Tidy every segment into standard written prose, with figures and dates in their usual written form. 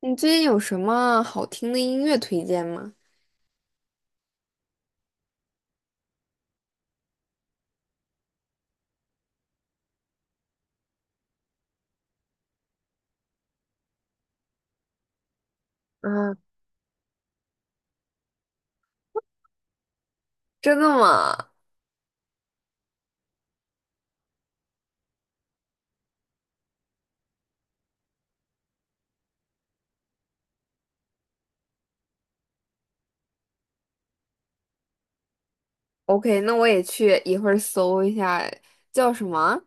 你最近有什么好听的音乐推荐吗？啊，真的吗？OK，那我也去一会儿搜一下叫什么。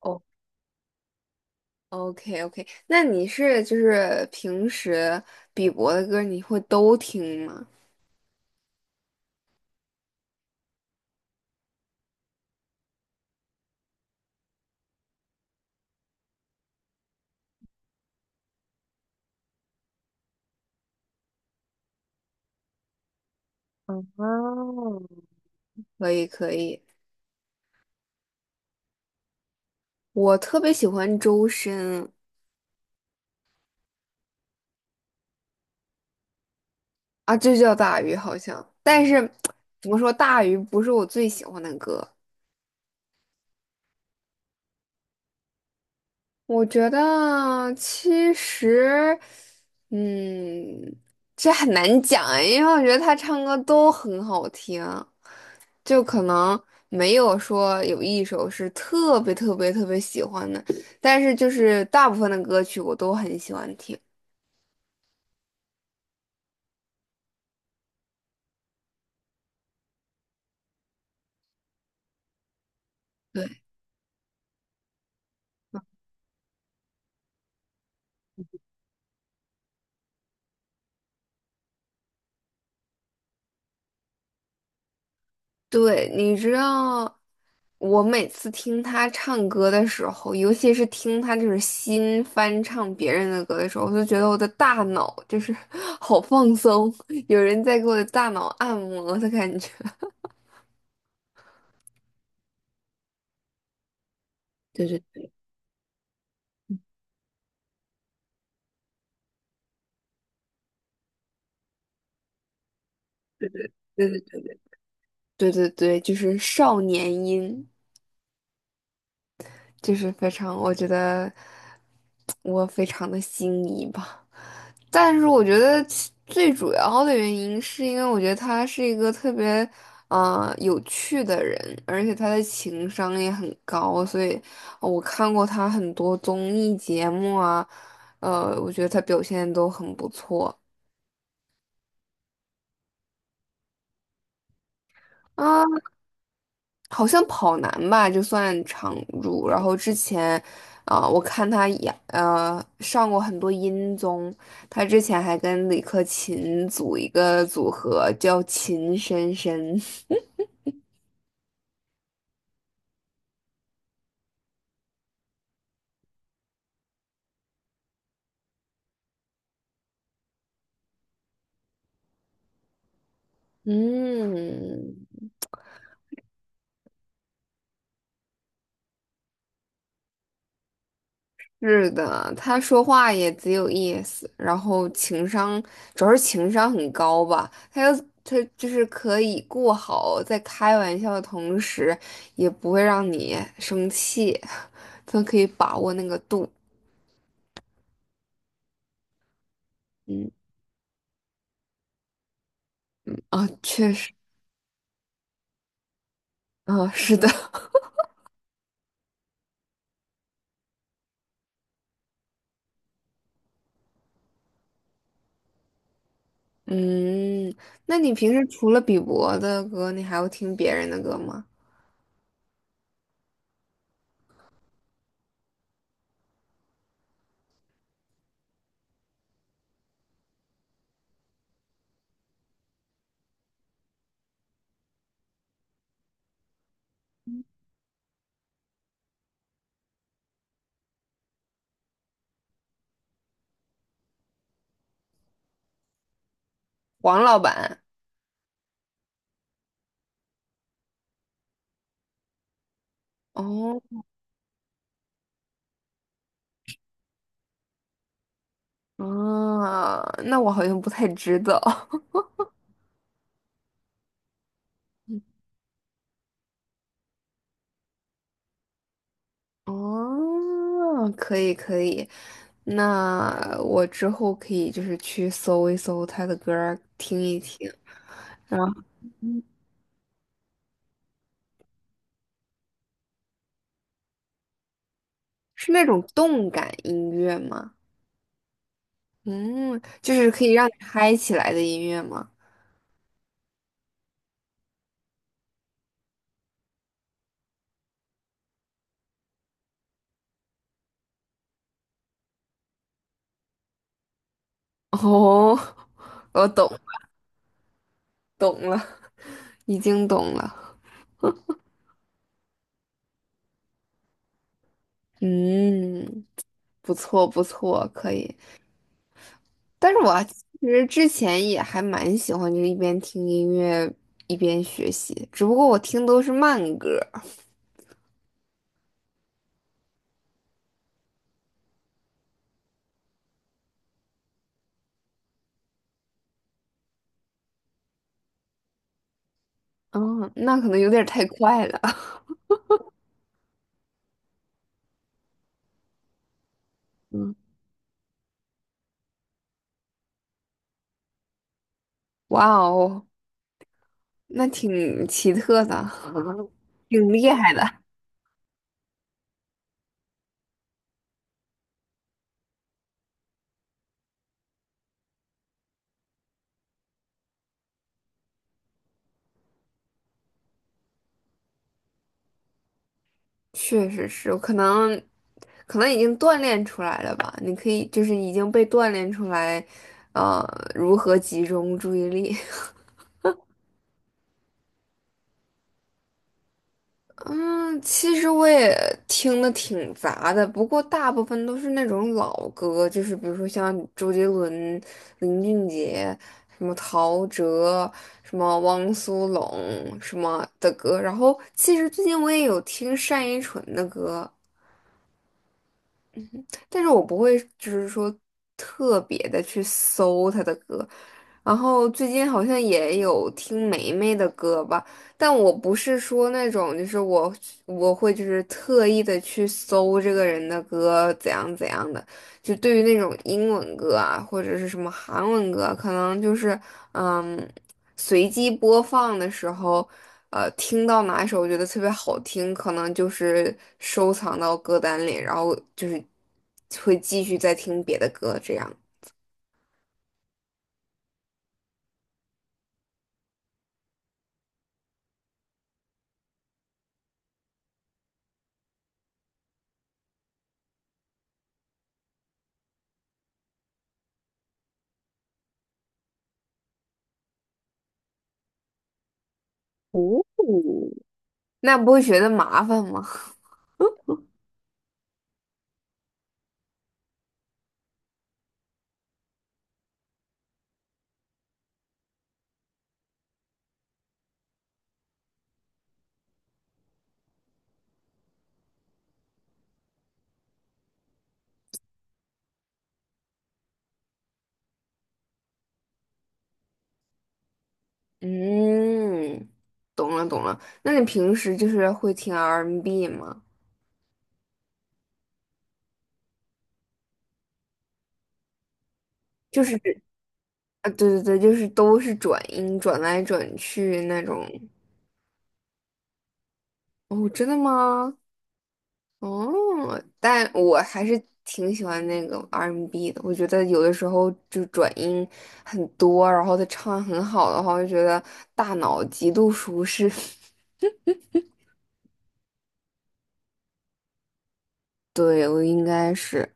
哦，OK OK，那你是就是平时比伯的歌你会都听吗？哦，可以可以，我特别喜欢周深啊，就叫大鱼好像，但是怎么说大鱼不是我最喜欢的歌。我觉得其实，嗯，这很难讲哎因为我觉得他唱歌都很好听，就可能没有说有一首是特别特别特别喜欢的，但是就是大部分的歌曲我都很喜欢听。对，对，你知道，我每次听他唱歌的时候，尤其是听他就是新翻唱别人的歌的时候，我就觉得我的大脑就是 好放松，有人在给我的大脑按摩的感觉。对对对对对对对，就是少年音。就是非常，我觉得我非常的心仪吧。但是我觉得其最主要的原因是因为我觉得他是一个特别，啊有趣的人，而且他的情商也很高，所以我看过他很多综艺节目啊，我觉得他表现都很不错。啊。好像跑男吧，就算常驻。然后之前，啊、我看他演，上过很多音综，他之前还跟李克勤组一个组合叫秦深深。嗯，是的，他说话也只有意思，然后主要是情商很高吧，他就是可以过好在开玩笑的同时，也不会让你生气，他可以把握那个度。嗯啊，确实啊，是的，嗯，那你平时除了比伯的歌，你还会听别人的歌吗？黄老板，哦，啊，那我好像不太知道。哦，可以可以，那我之后可以就是去搜一搜他的歌儿，听一听。然后是那种动感音乐吗？嗯，就是可以让你嗨起来的音乐吗？哦，我懂懂了，已经懂了。嗯，不错不错，可以。但是我啊其实之前也还蛮喜欢，就是一边听音乐一边学习，只不过我听都是慢歌。嗯，那可能有点儿太快了。嗯，哇哦，那挺奇特的，挺厉害的。确实是，可能已经锻炼出来了吧？你可以就是已经被锻炼出来，呃，如何集中注意力。嗯，其实我也听的挺杂的，不过大部分都是那种老歌，就是比如说像周杰伦、林俊杰、什么陶喆、什么汪苏泷什么的歌。然后其实最近我也有听单依纯的歌，但是我不会就是说特别的去搜他的歌。然后最近好像也有听梅梅的歌吧，但我不是说那种，我会就是特意的去搜这个人的歌怎样怎样的，就对于那种英文歌啊，或者是什么韩文歌啊，可能就是嗯。随机播放的时候，听到哪一首我觉得特别好听，可能就是收藏到歌单里，然后就是会继续再听别的歌，这样。哦，那不会觉得麻烦吗？嗯，懂了懂了。那你平时就是会听 R&B n 吗？就是啊，对对对，就是都是转音转来转去那种。哦，真的吗？哦，但我还是挺喜欢那个 R&B 的。我觉得有的时候就转音很多，然后他唱很好的话，我就觉得大脑极度舒适。对，我应该是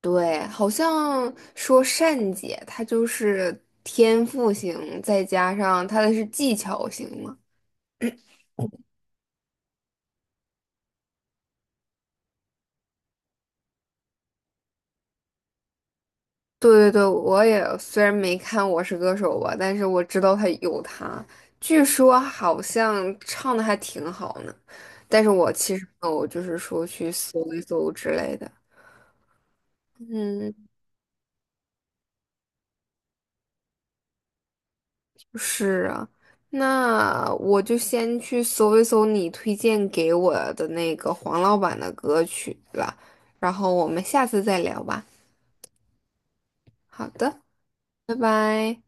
对，好像说善姐她就是天赋型，再加上她的是技巧型嘛。对对对，我也虽然没看《我是歌手》吧，但是我知道他有他，据说好像唱的还挺好呢。但是我其实没有，就是说去搜一搜之类的。嗯，是啊，那我就先去搜一搜你推荐给我的那个黄老板的歌曲了，然后我们下次再聊吧。好的，拜拜。